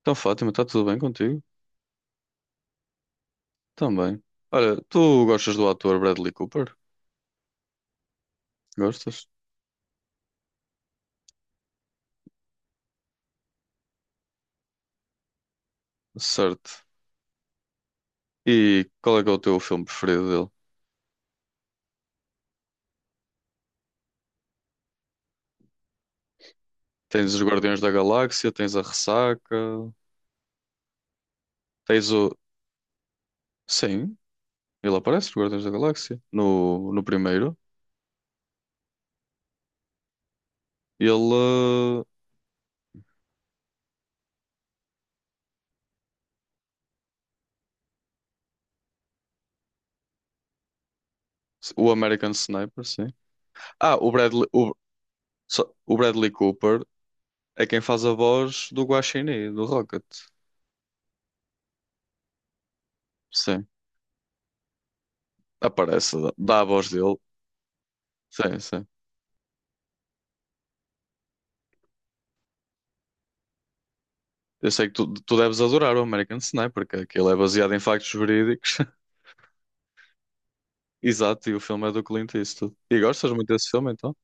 Então, Fátima, está tudo bem contigo? Também. Olha, tu gostas do ator Bradley Cooper? Gostas? Certo. E qual é que é o teu filme preferido dele? Tens os Guardiões da Galáxia, tens a Ressaca, tens o. Sim, ele aparece nos Guardiões da Galáxia, no primeiro. Ele. O American Sniper, sim. Ah, o Bradley, o, só- o Bradley Cooper é quem faz a voz do Guaxinim, do Rocket. Sim, aparece, dá a voz dele. Sim, sim. Eu sei que tu deves adorar o American Sniper, que aquilo é baseado em factos verídicos. Exato, e o filme é do Clint Eastwood. E gostas muito desse filme, então?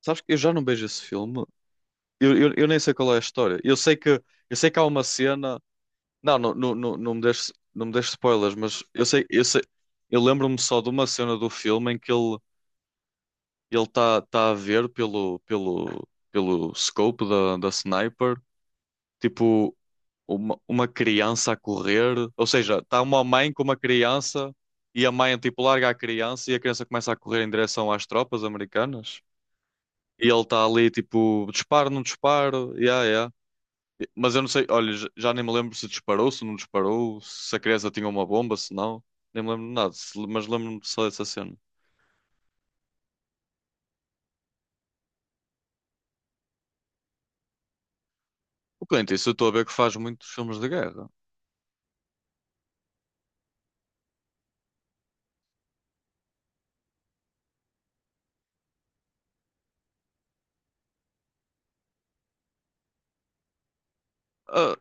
Sabes que eu já não vejo esse filme. Eu nem sei qual é a história. Eu sei que há uma cena. Não, não, não, não, não me deixes, não me deixes spoilers, mas eu sei, eu sei, eu lembro-me só de uma cena do filme em que ele ele está tá a ver pelo scope da, da sniper, tipo uma criança a correr, ou seja, está uma mãe com uma criança e a mãe tipo larga a criança e a criança começa a correr em direção às tropas americanas. E ele está ali tipo, disparo, não disparo, yeah, yeah. Mas eu não sei, olha, j- já nem me lembro se disparou, se não disparou, se a criança tinha uma bomba, se não, nem me lembro de nada, se- mas lembro-me só dessa cena. O Clint Eastwood, eu estou a ver que faz muitos filmes de guerra. Ah,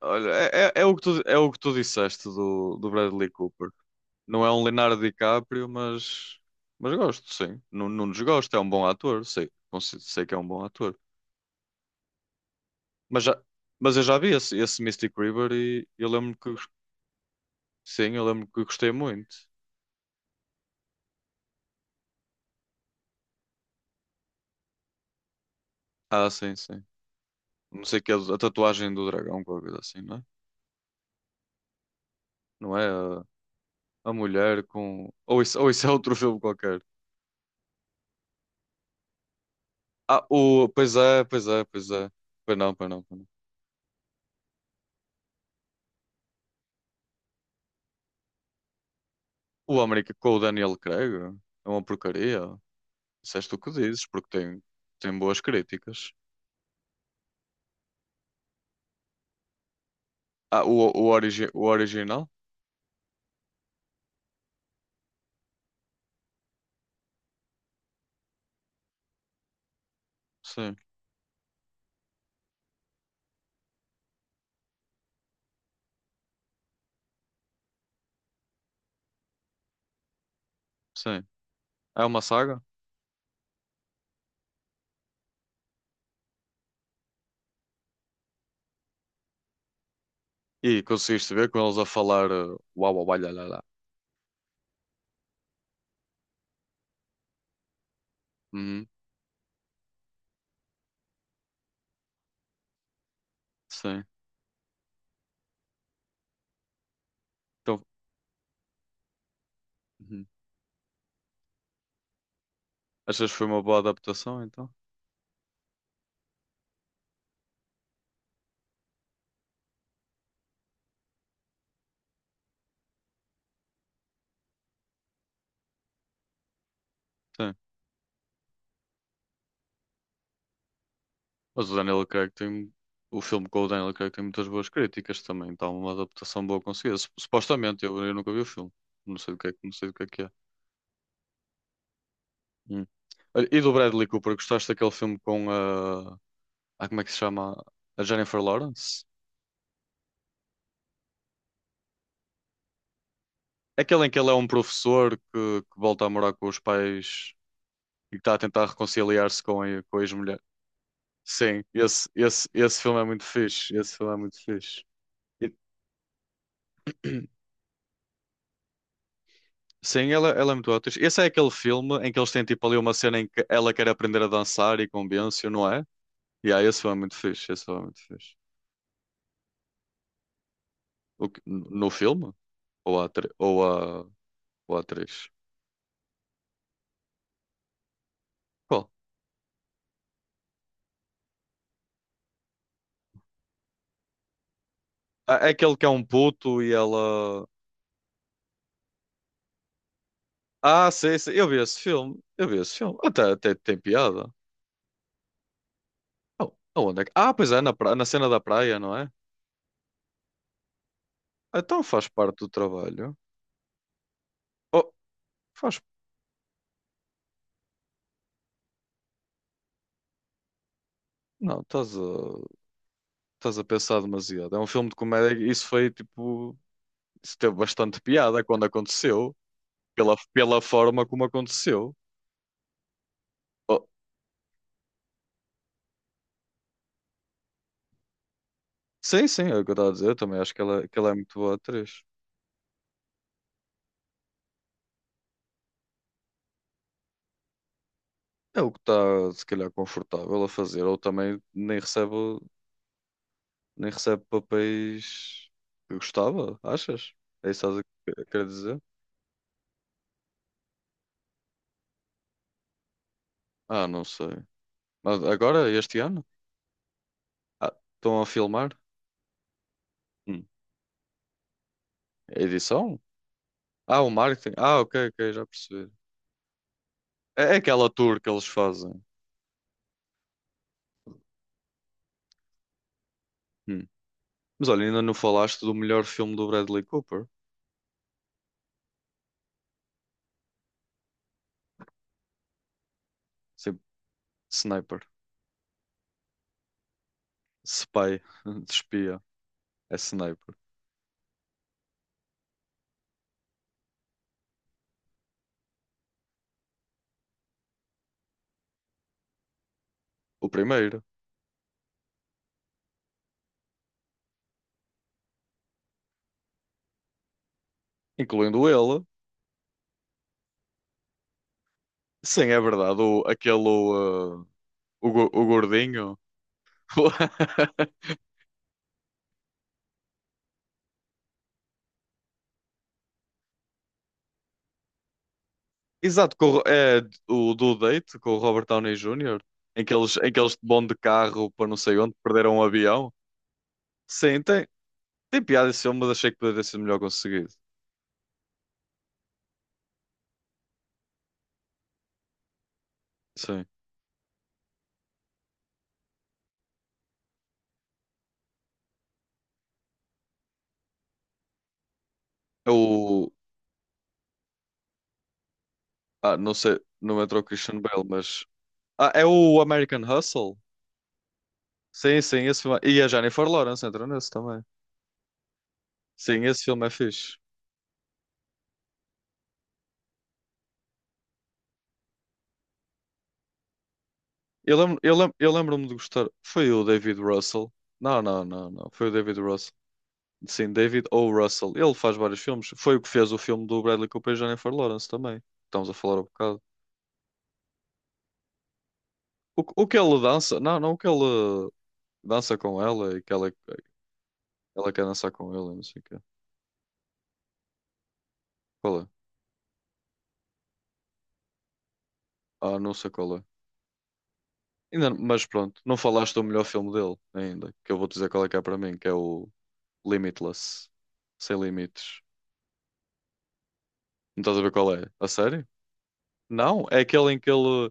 olha, é, é- é o que tu, é o que tu disseste do, do Bradley Cooper. Não é um Leonardo DiCaprio, mas gosto, sim. Não, não desgosto, é um bom ator, sei, consi- sei que é um bom ator. Mas, já, mas eu já vi esse, esse Mystic River e eu lembro que, gos- sim, eu lembro que gostei muito. Ah, sim, sim. Não sei o que é a tatuagem do dragão, qualquer coisa assim, não é? Não é a mulher com. Ou isso é outro filme qualquer. Ah, o. Pois é, pois é, pois é. Pois não, pois não, pois não. O América com o Daniel Craig é uma porcaria. Disseste o que dizes, porque tem, tem boas críticas. Ah, origi o original? Sim, sim. É uma saga? E conseguiste ver com eles a falar uau, uau, uau, lá, lá, lá. Uhum, sim. Então, uhum. Achas que foi uma boa adaptação, então? Sim. Mas o Daniel Craig tem... O filme com o Daniel Craig tem muitas boas críticas também. Então, uma adaptação boa conseguida. Sup- Supostamente, eu nunca vi o filme. Não sei do que é, que- não sei do que é que é. Hum. Olha, e do Bradley Cooper, gostaste daquele filme com a... Ah, como é que se chama? A Jennifer Lawrence? Aquele em que ele é um professor que volta a morar com os pais e que está a tentar reconciliar-se com a ex-mulher. Sim, esse filme é muito fixe. Esse filme é muito fixe. E- sim, ela é muito atriz. Esse é aquele filme em que eles têm tipo ali uma cena em que ela quer aprender a dançar e convence-o, não é? E aí, esse filme é muito fixe. Esse filme é muito fixe. O que- no filme? Ou a, atri- a, ou a atriz? Qual? Ah, é aquele que é um puto e ela. Ah, sim, sim, eu vi esse filme. Eu vi esse filme. Até, até tem piada. Oh, aonde é que... Ah, pois é, na, pra- na cena da praia, não é? Então faz parte do trabalho. Oh, faz... Não, estás a... estás a pensar demasiado. É um filme de comédia e isso foi, tipo... Isso teve bastante piada quando aconteceu. Pela, pela forma como aconteceu. Oh, sim, sim, é o que eu estava a dizer. Eu também acho que ela é muito boa atriz. É o que está, se calhar, confortável a fazer. Ou também nem recebe, nem recebe papéis que gostava, achas? É isso que estás a querer dizer? Ah, não sei. Mas agora, este ano? Ah, estão a filmar? Hum. A edição? Ah, o marketing. Ah, ok, ok, já percebi. É, é aquela tour que eles fazem. Hum. Mas olha, ainda não falaste do melhor filme do Bradley Cooper? Sim, Sniper. Spy. De espia. É Sniper. O primeiro. Incluindo ele. Sim, é verdade. O, aquele. O, go- o gordinho. Exato, com o, Ro- é o do date com o Robert Downey Jr. Em que eles vão de carro para não sei onde, perderam um avião. Sim, tem, tem piada esse filme, mas achei que poderia ser melhor conseguido. Sim. É o. Ah, não sei, não entrou o Christian Bale, mas. Ah, é o American Hustle? Sim, sim, esse filme. E a Jennifer Lawrence entra nesse também. Sim, esse filme é fixe. Eu lembro-me de gostar. Foi o David Russell. Não, não, não, não. Foi o David Russell. Sim, David O. Russell. Ele faz vários filmes. Foi o que fez o filme do Bradley Cooper e Jennifer Lawrence também. Estamos a falar um bocado. O que ele dança? Não, não o que ele dança com ela e que ela ela quer dançar com ele, não sei o quê. Qual é? Ah, não sei qual é. Ainda, não- mas pronto, não falaste do melhor filme dele ainda, que eu vou dizer qual é que é para mim, que é o Limitless. Sem limites. Não estás a ver qual é? A sério? Não, é aquele em que ele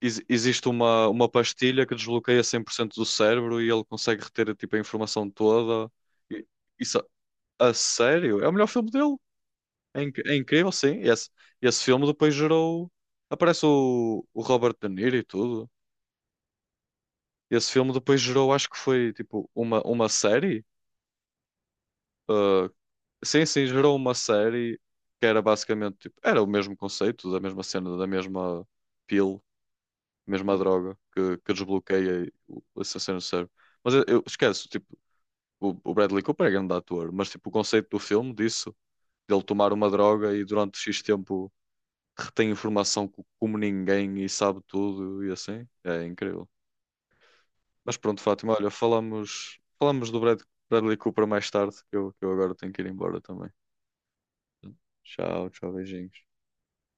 ex- existe uma pastilha que desbloqueia 100% do cérebro e ele consegue reter tipo, a informação toda. E- Isso, a sério? É o melhor filme dele. É, inc- é incrível, sim. Esse filme depois gerou. Aparece o Robert De Niro e tudo. Esse filme depois gerou, acho que foi tipo uma série. ah, sim, sim, gerou uma série que era basicamente tipo, era o mesmo conceito, da mesma cena, da mesma pill, mesma droga que desbloqueia o- essa cena do cérebro. Mas eu esqueço, tipo, o Bradley Cooper é grande ator, mas tipo, o conceito do filme disso, dele tomar uma droga e durante X tempo retém informação co- como ninguém e sabe tudo e assim, é incrível. Mas pronto, Fátima, olha, falamos, falamos do Brad, Bradley Cooper mais tarde, que eu agora tenho que ir embora também. Tchau, tchau, beijinhos.